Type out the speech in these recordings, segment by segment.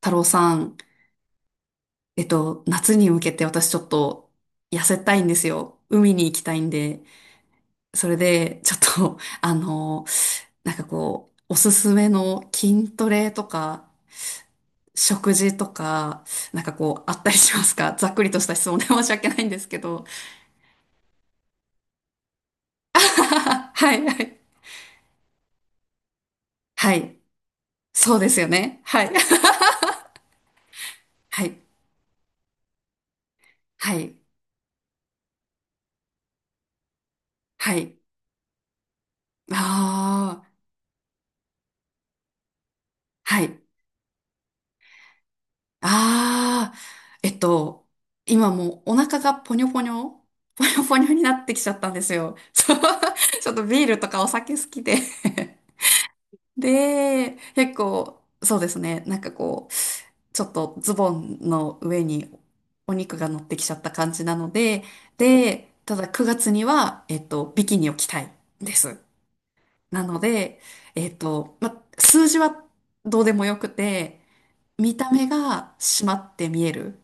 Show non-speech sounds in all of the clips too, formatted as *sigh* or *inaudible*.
太郎さん、夏に向けて私ちょっと痩せたいんですよ。海に行きたいんで。それで、ちょっと、*laughs* なんかこう、おすすめの筋トレとか、食事とか、なんかこう、あったりしますか？ざっくりとした質問で *laughs* 申し訳ないんですけど。*laughs* はいはい。はい。そうですよね。はい。*laughs* はい。はい。はい。ああ。はい。ああ、えっと、今もうお腹がポニョポニョ、ポニョポニョになってきちゃったんですよ。そう *laughs* ちょっとビールとかお酒好きで *laughs* で、結構、そうですね、なんかこう、ちょっとズボンの上にお肉が乗ってきちゃった感じなので、で、ただ9月には、ビキニを着たいです。なので、ま、数字はどうでもよくて、見た目が締まって見える。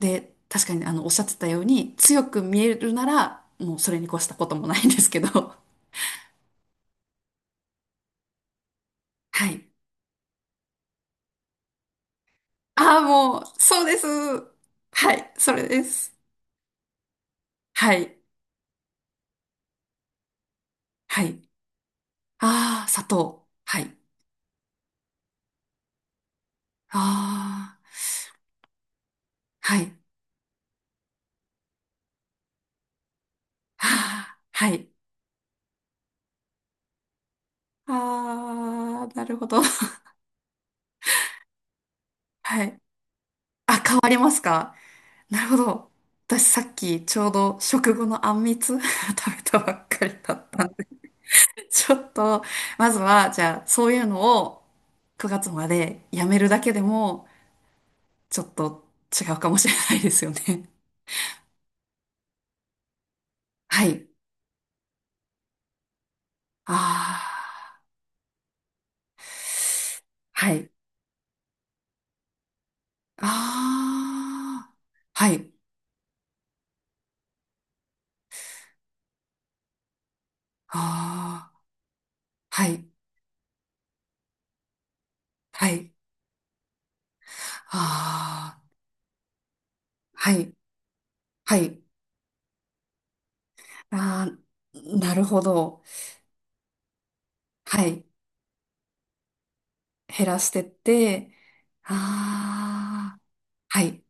で、確かにあの、おっしゃってたように、強く見えるなら、もうそれに越したこともないんですけど。*laughs* はい。ああ、もう、そうです。はい、それです。はい、はい。ああ、砂糖。はい。ああ、はい。ああ、はい。ああ、なるほど。*laughs* はい。あ、変わりますか？なるほど。私さっきちょうど食後のあんみつ *laughs* 食べたばっかりだったんで *laughs* ちょっと、まずは、じゃあ、そういうのを9月までやめるだけでも、ちょっと違うかもしれないですよね。*laughs* はい。ああ、はい。ああ、はい。ああ、はい。はい。ああ、はい。はい。ああ、なるほど。はい。減らしてって、ああ、はい。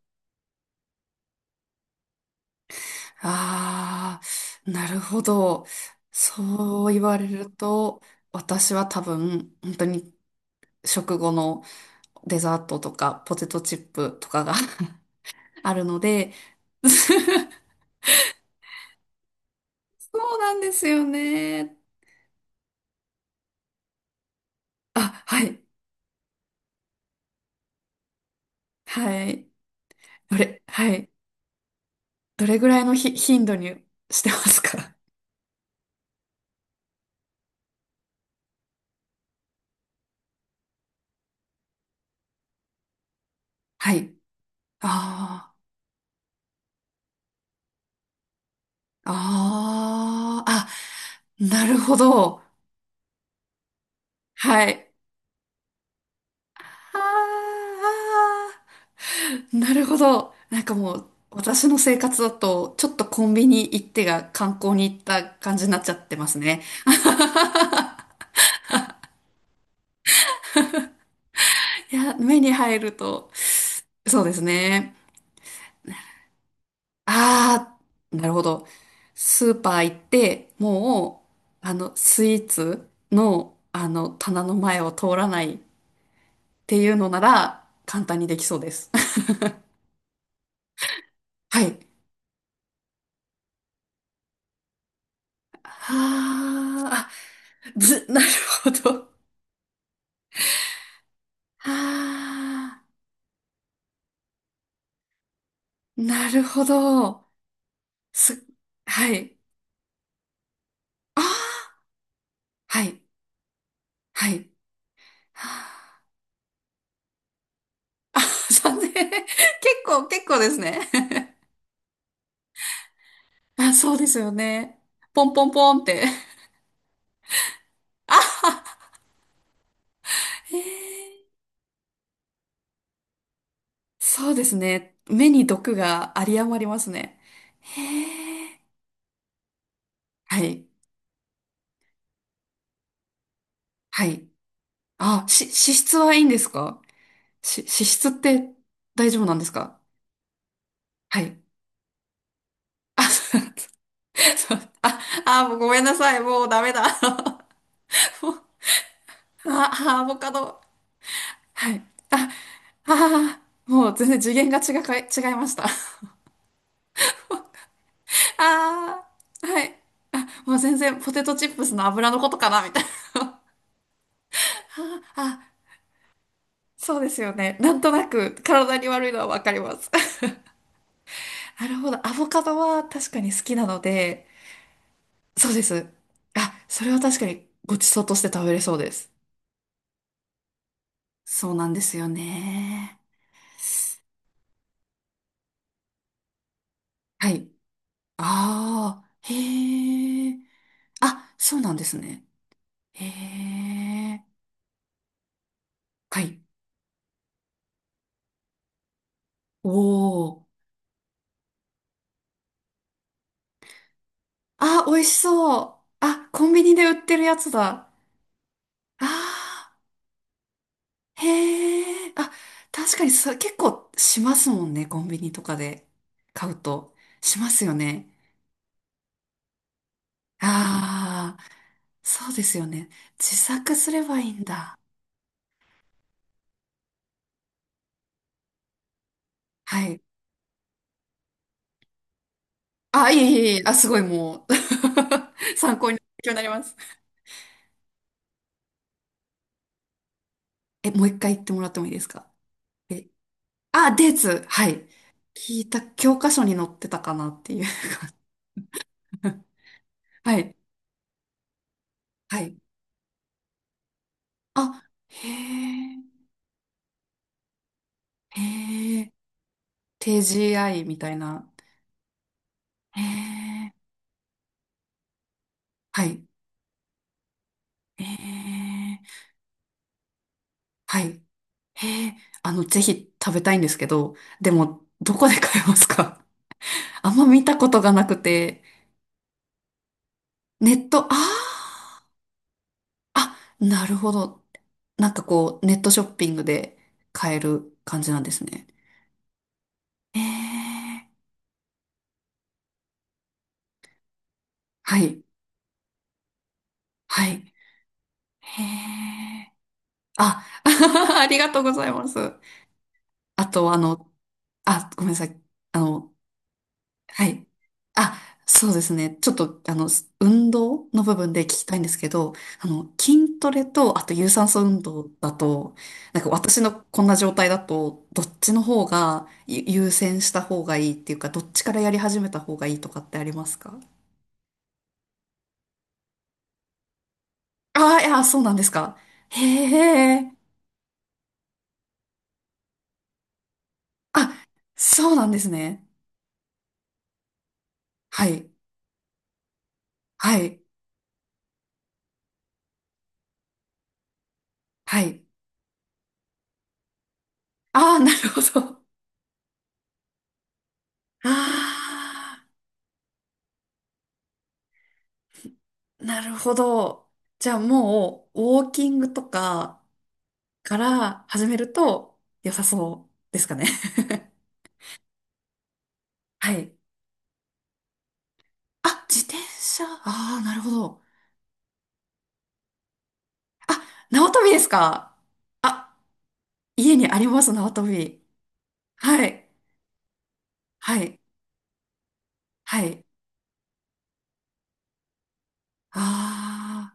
ああ、なるほど。そう言われると、私は多分、本当に食後のデザートとか、ポテトチップとかが *laughs* あるので、*laughs* そうなんですよね。あ、はい。はい。どれ、はい。どれぐらいの頻度にしてますか？はい。ああ、ああ、あ、なるほど。はい。あーあーなるほど。なんかもう、私の生活だと、ちょっとコンビニ行ってが観光に行った感じになっちゃってますね。いや、目に入ると、そうですね。ああ、なるほど。スーパー行って、もう、あの、スイーツの、あの、棚の前を通らないっていうのなら、簡単にできそうです。*laughs* はい。あーあ、ず、なるほど。ああ、なるほど。す、はい。ああ、はい、はい。*laughs* はあさんぜんえん *laughs* 結構、結構ですね。*laughs* あ、そうですよね。ポンポンポンって。へえ。そうですね。目に毒が有り余りますね。へえ。はい、はい。あ、脂質はいいんですか？脂質って大丈夫なんですか？はい。あ、そうそう *laughs* あ、あ、もうごめんなさい。もうダメだ。*laughs* もうあ、アボカド。はい。あ、ああ、もう全然次元が違いました。*laughs* ああ、はい。あ、もう全然ポテトチップスの油のことかな、みたいな。*laughs* ああ、そうですよね。なんとなく体に悪いのはわかります。*laughs* なるほど。アボカドは確かに好きなので、そうです。あ、それは確かにごちそうとして食べれそうです。そうなんですよね。はい。ああ、へえ。あ、そうなんですね。へえ。はい。おお。あ、美味しそう。あ、コンビニで売ってるやつだ。あー、へえ。あ、確かにそ、結構しますもんね。コンビニとかで買うと。しますよね。ああ、そうですよね。自作すればいいんだ。はい。あ、いえいえいえ。あ、すごいもう *laughs* 参考に、勉強になります。え、もう一回言ってもらってもいいですか？え、あ、デーツ。はい。聞いた、教科書に載ってたかなっていう。*laughs* はい。はい。あ、へえ、へえ、TGI みたいな。へえ、はい、へえ、はい、へえ、あの、ぜひ食べたいんですけど、でも、どこで買えますか？ *laughs* あんま見たことがなくて、ネット、ああ、あ、なるほど。なんかこう、ネットショッピングで買える感じなんですね。へえ、はい、はい、へえ、あ、*laughs* ありがとうございます。あと、あの、あ、ごめんなさい。あの、はい。あ、そうですね。ちょっと、あの、運動の部分で聞きたいんですけど、あの、筋トレと、あと有酸素運動だと、なんか私のこんな状態だと、どっちの方が優先した方がいいっていうか、どっちからやり始めた方がいいとかってありますか？ああー、いや、そうなんですか。へえ。あ、そうなんですね。はい。はい。はい。ああ、なるほど。あ、なるほど。じゃあもう、ウォーキングとかから始めると良さそうですかね。*laughs* はい。あ、自転車。ああ、なるほど。あ、縄跳びですか。あ、家にあります、縄跳び。はい。はい。はい。あ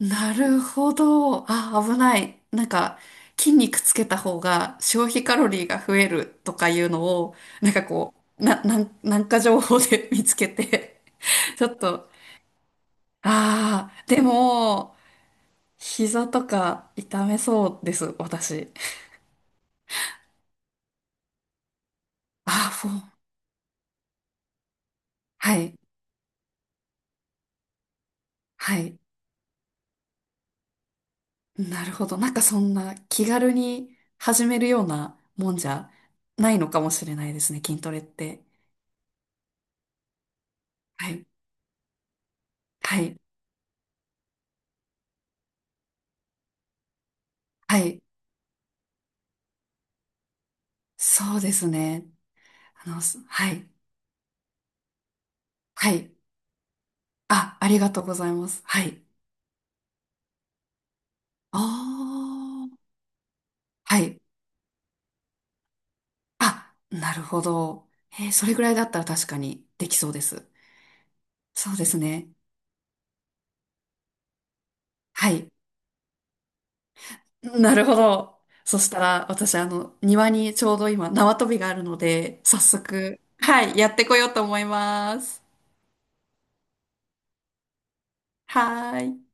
あ、なるほど。あ、危ない。なんか、筋肉つけた方が消費カロリーが増えるとかいうのを、なんかこう、なんか情報で *laughs* 見つけてちょっと、ああ、でも、膝とか痛めそうです、私。ああ、フォー。はい、はい。なるほど。なんかそんな気軽に始めるようなもんじゃないのかもしれないですね、筋トレって。はい、はい、はい。そうですね。はい、はい。あ、ありがとうございます。はい。ああ、はい。あ、なるほど。それぐらいだったら確かにできそうです。そうですね。はい。なるほど。そしたら、私、あの、庭にちょうど今、縄跳びがあるので、早速、はい、やってこようと思います。はーい。